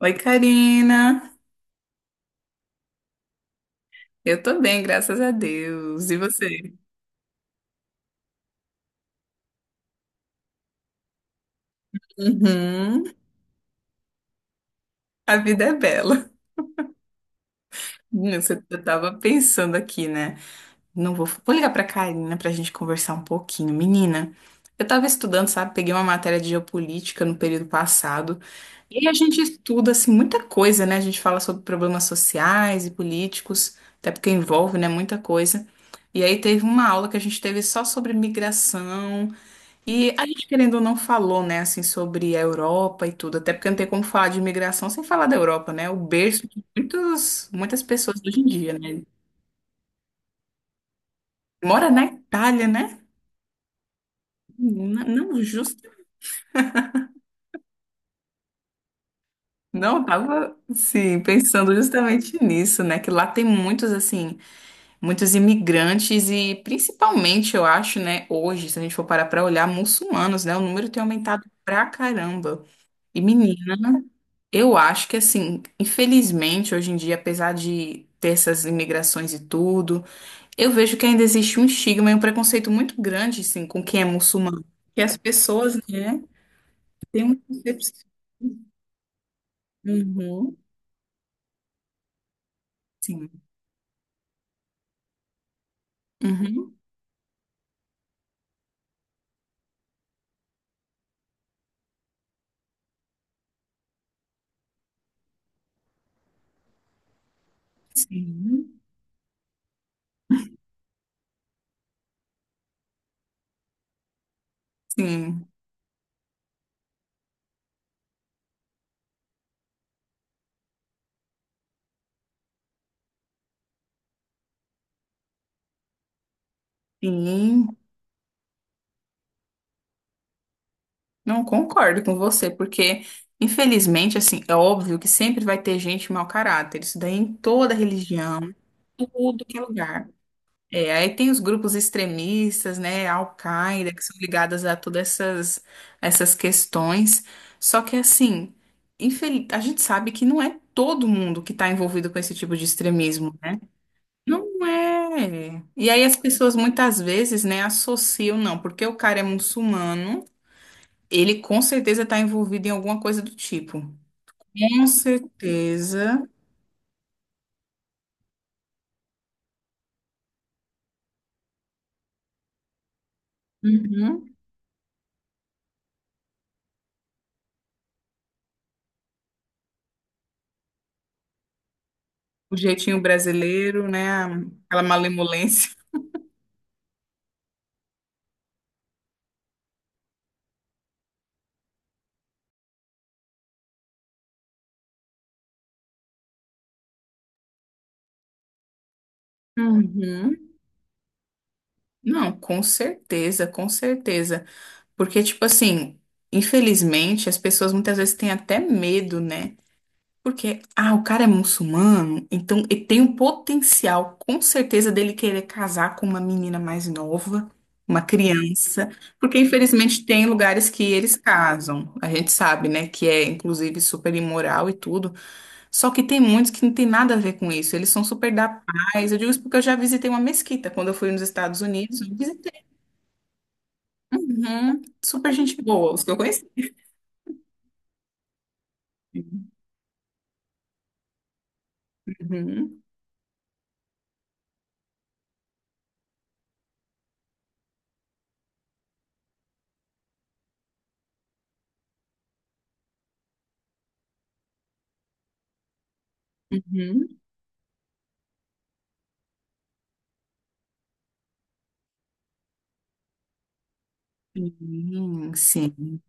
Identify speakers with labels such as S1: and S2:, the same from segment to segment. S1: Oi, Karina. Eu tô bem, graças a Deus. E você? Uhum. A vida é bela. Eu tava pensando aqui, né? Não vou, Vou ligar pra Karina pra gente conversar um pouquinho. Menina, eu tava estudando, sabe? Peguei uma matéria de geopolítica no período passado. E a gente estuda, assim, muita coisa, né? A gente fala sobre problemas sociais e políticos, até porque envolve, né, muita coisa. E aí teve uma aula que a gente teve só sobre migração. E a gente, querendo ou não, falou, né, assim, sobre a Europa e tudo, até porque não tem como falar de imigração sem falar da Europa, né? O berço de muitas pessoas hoje em dia, né? Mora na Itália, né? Não, não justo. Não, eu tava, sim, pensando justamente nisso, né? Que lá tem muitos, assim, muitos imigrantes e principalmente, eu acho, né, hoje, se a gente for parar pra olhar, muçulmanos, né? O número tem aumentado pra caramba. E menina. Eu acho que, assim, infelizmente, hoje em dia, apesar de ter essas imigrações e tudo, eu vejo que ainda existe um estigma e um preconceito muito grande, assim, com quem é muçulmano. Que as pessoas, né, têm uma concepção. Uhum, sim. Uhum, sim. Sim. Sim. Não concordo com você, porque, infelizmente, assim, é óbvio que sempre vai ter gente mau caráter. Isso daí em toda religião, tudo que é lugar. É, aí tem os grupos extremistas, né, a Al-Qaeda, que são ligadas a essas questões. Só que, assim, a gente sabe que não é todo mundo que está envolvido com esse tipo de extremismo, né? Não é. E aí as pessoas muitas vezes, né, associam, não, porque o cara é muçulmano, ele com certeza está envolvido em alguma coisa do tipo. Com certeza. Uhum. O jeitinho brasileiro, né, aquela malemolência. Uhum. Não, com certeza, com certeza. Porque, tipo assim, infelizmente, as pessoas muitas vezes têm até medo, né? Porque, ah, o cara é muçulmano, então ele tem o potencial, com certeza, dele querer casar com uma menina mais nova, uma criança. Porque, infelizmente, tem lugares que eles casam. A gente sabe, né? Que é, inclusive, super imoral e tudo. Só que tem muitos que não tem nada a ver com isso. Eles são super da paz. Eu digo isso porque eu já visitei uma mesquita quando eu fui nos Estados Unidos. Uhum. Super gente boa, os que eu conheci. Uhum. Uhum. Sim, sim.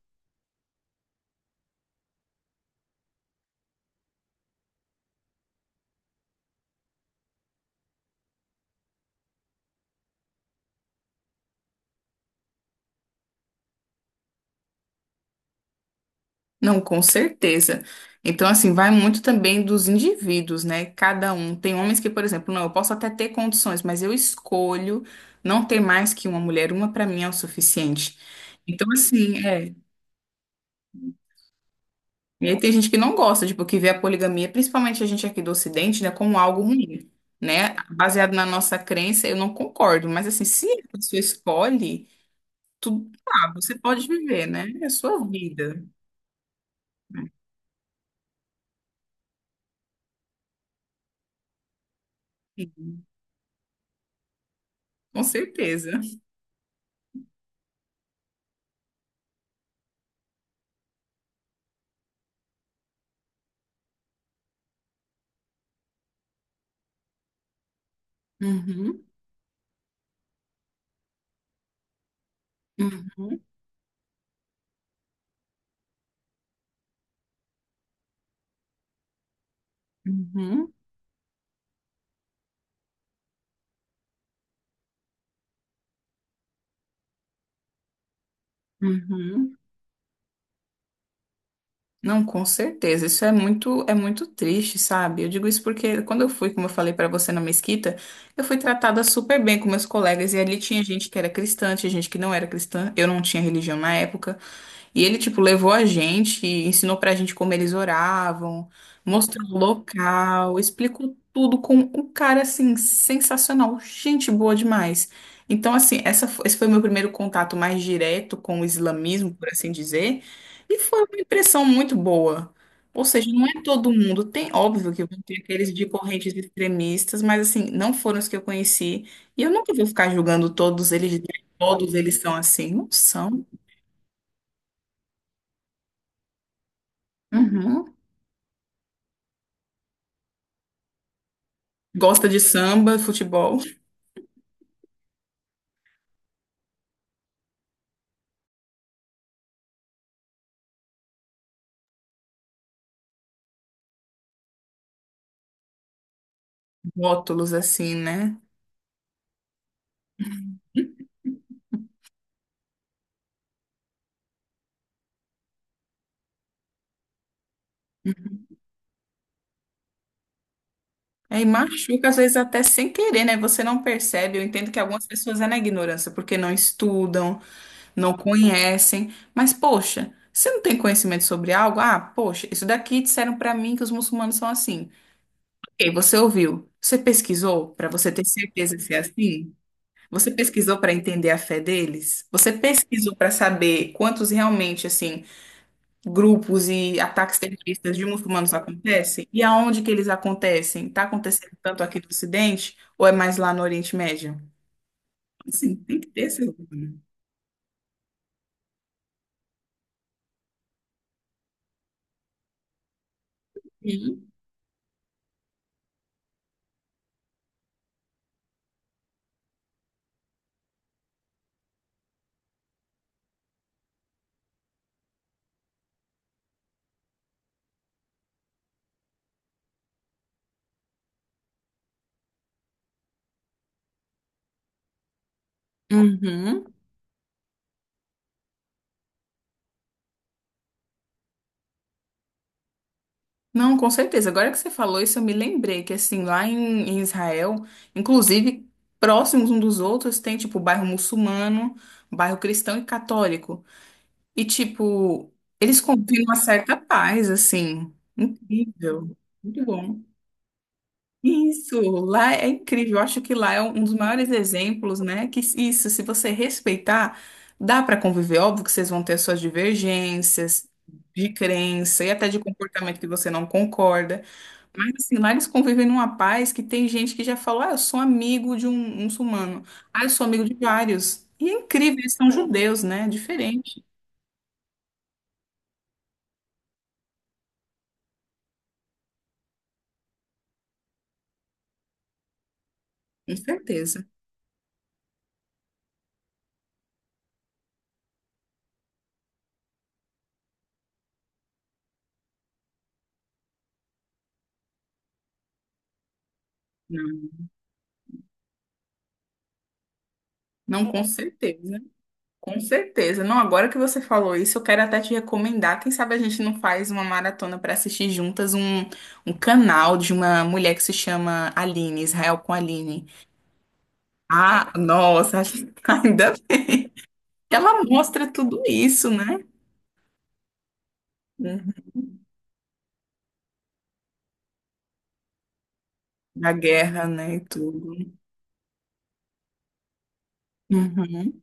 S1: Não, com certeza. Então, assim, vai muito também dos indivíduos, né? Cada um. Tem homens que, por exemplo, não, eu posso até ter condições, mas eu escolho não ter mais que uma mulher. Uma pra mim é o suficiente. Então, assim, é. E aí tem gente que não gosta, tipo, que vê a poligamia, principalmente a gente aqui do Ocidente, né, como algo ruim, né? Baseado na nossa crença, eu não concordo. Mas, assim, se a pessoa escolhe. Tudo lá, você pode viver, né? É sua vida. Sim, com certeza. Uhum, uhum, uhum, uhum. Não, com certeza. Isso é muito triste, sabe? Eu digo isso porque quando eu fui, como eu falei pra você na mesquita, eu fui tratada super bem com meus colegas e ali tinha gente que era cristã, tinha gente que não era cristã. Eu não tinha religião na época. E ele, tipo, levou a gente, ensinou pra gente como eles oravam, mostrou o local, explicou tudo com um cara, assim, sensacional, gente boa demais. Então, assim, esse foi o meu primeiro contato mais direto com o islamismo, por assim dizer, e foi uma impressão muito boa. Ou seja, não é todo mundo. Tem, óbvio que vão ter aqueles de correntes extremistas, mas, assim, não foram os que eu conheci. E eu nunca vou ficar julgando todos eles são assim. Não são. Uhum. Gosta de samba, futebol, rótulos assim, né? É, e machuca às vezes até sem querer, né? Você não percebe. Eu entendo que algumas pessoas é na ignorância, porque não estudam, não conhecem. Mas, poxa, você não tem conhecimento sobre algo? Ah, poxa, isso daqui disseram pra mim que os muçulmanos são assim. Ok, você ouviu? Você pesquisou pra você ter certeza se é assim? Você pesquisou pra entender a fé deles? Você pesquisou pra saber quantos realmente, assim, grupos e ataques terroristas de muçulmanos acontecem? E aonde que eles acontecem? Está acontecendo tanto aqui no Ocidente ou é mais lá no Oriente Médio? Assim, tem que ter esse lugar. Sim. Uhum. Não, com certeza. Agora que você falou isso, eu me lembrei que, assim, em Israel, inclusive, próximos um dos outros, tem, tipo, bairro muçulmano, bairro cristão e católico. E, tipo, eles convivem uma certa paz, assim. Incrível. Muito bom. Isso, lá é incrível. Eu acho que lá é um dos maiores exemplos, né? Que isso, se você respeitar, dá para conviver. Óbvio que vocês vão ter suas divergências de crença e até de comportamento que você não concorda. Mas assim, lá eles convivem numa paz que tem gente que já falou: ah, eu sou amigo de um muçulmano. Ah, eu sou amigo de vários. E é incrível, eles são judeus, né? Diferente, com certeza. Não, não com certeza. Com certeza. Não, agora que você falou isso, eu quero até te recomendar. Quem sabe a gente não faz uma maratona para assistir juntas um, um canal de uma mulher que se chama Aline, Israel com Aline. Ah, nossa, ainda ela mostra tudo isso, né? Uhum. A guerra, né, e tudo. Uhum.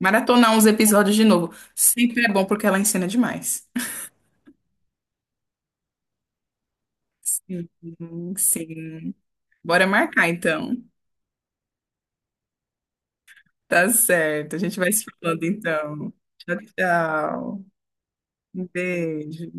S1: Maratonar uns episódios de novo. Sempre é bom porque ela ensina demais. Sim, sim. Bora marcar então. Tá certo. A gente vai se falando então. Tchau, tchau. Entende?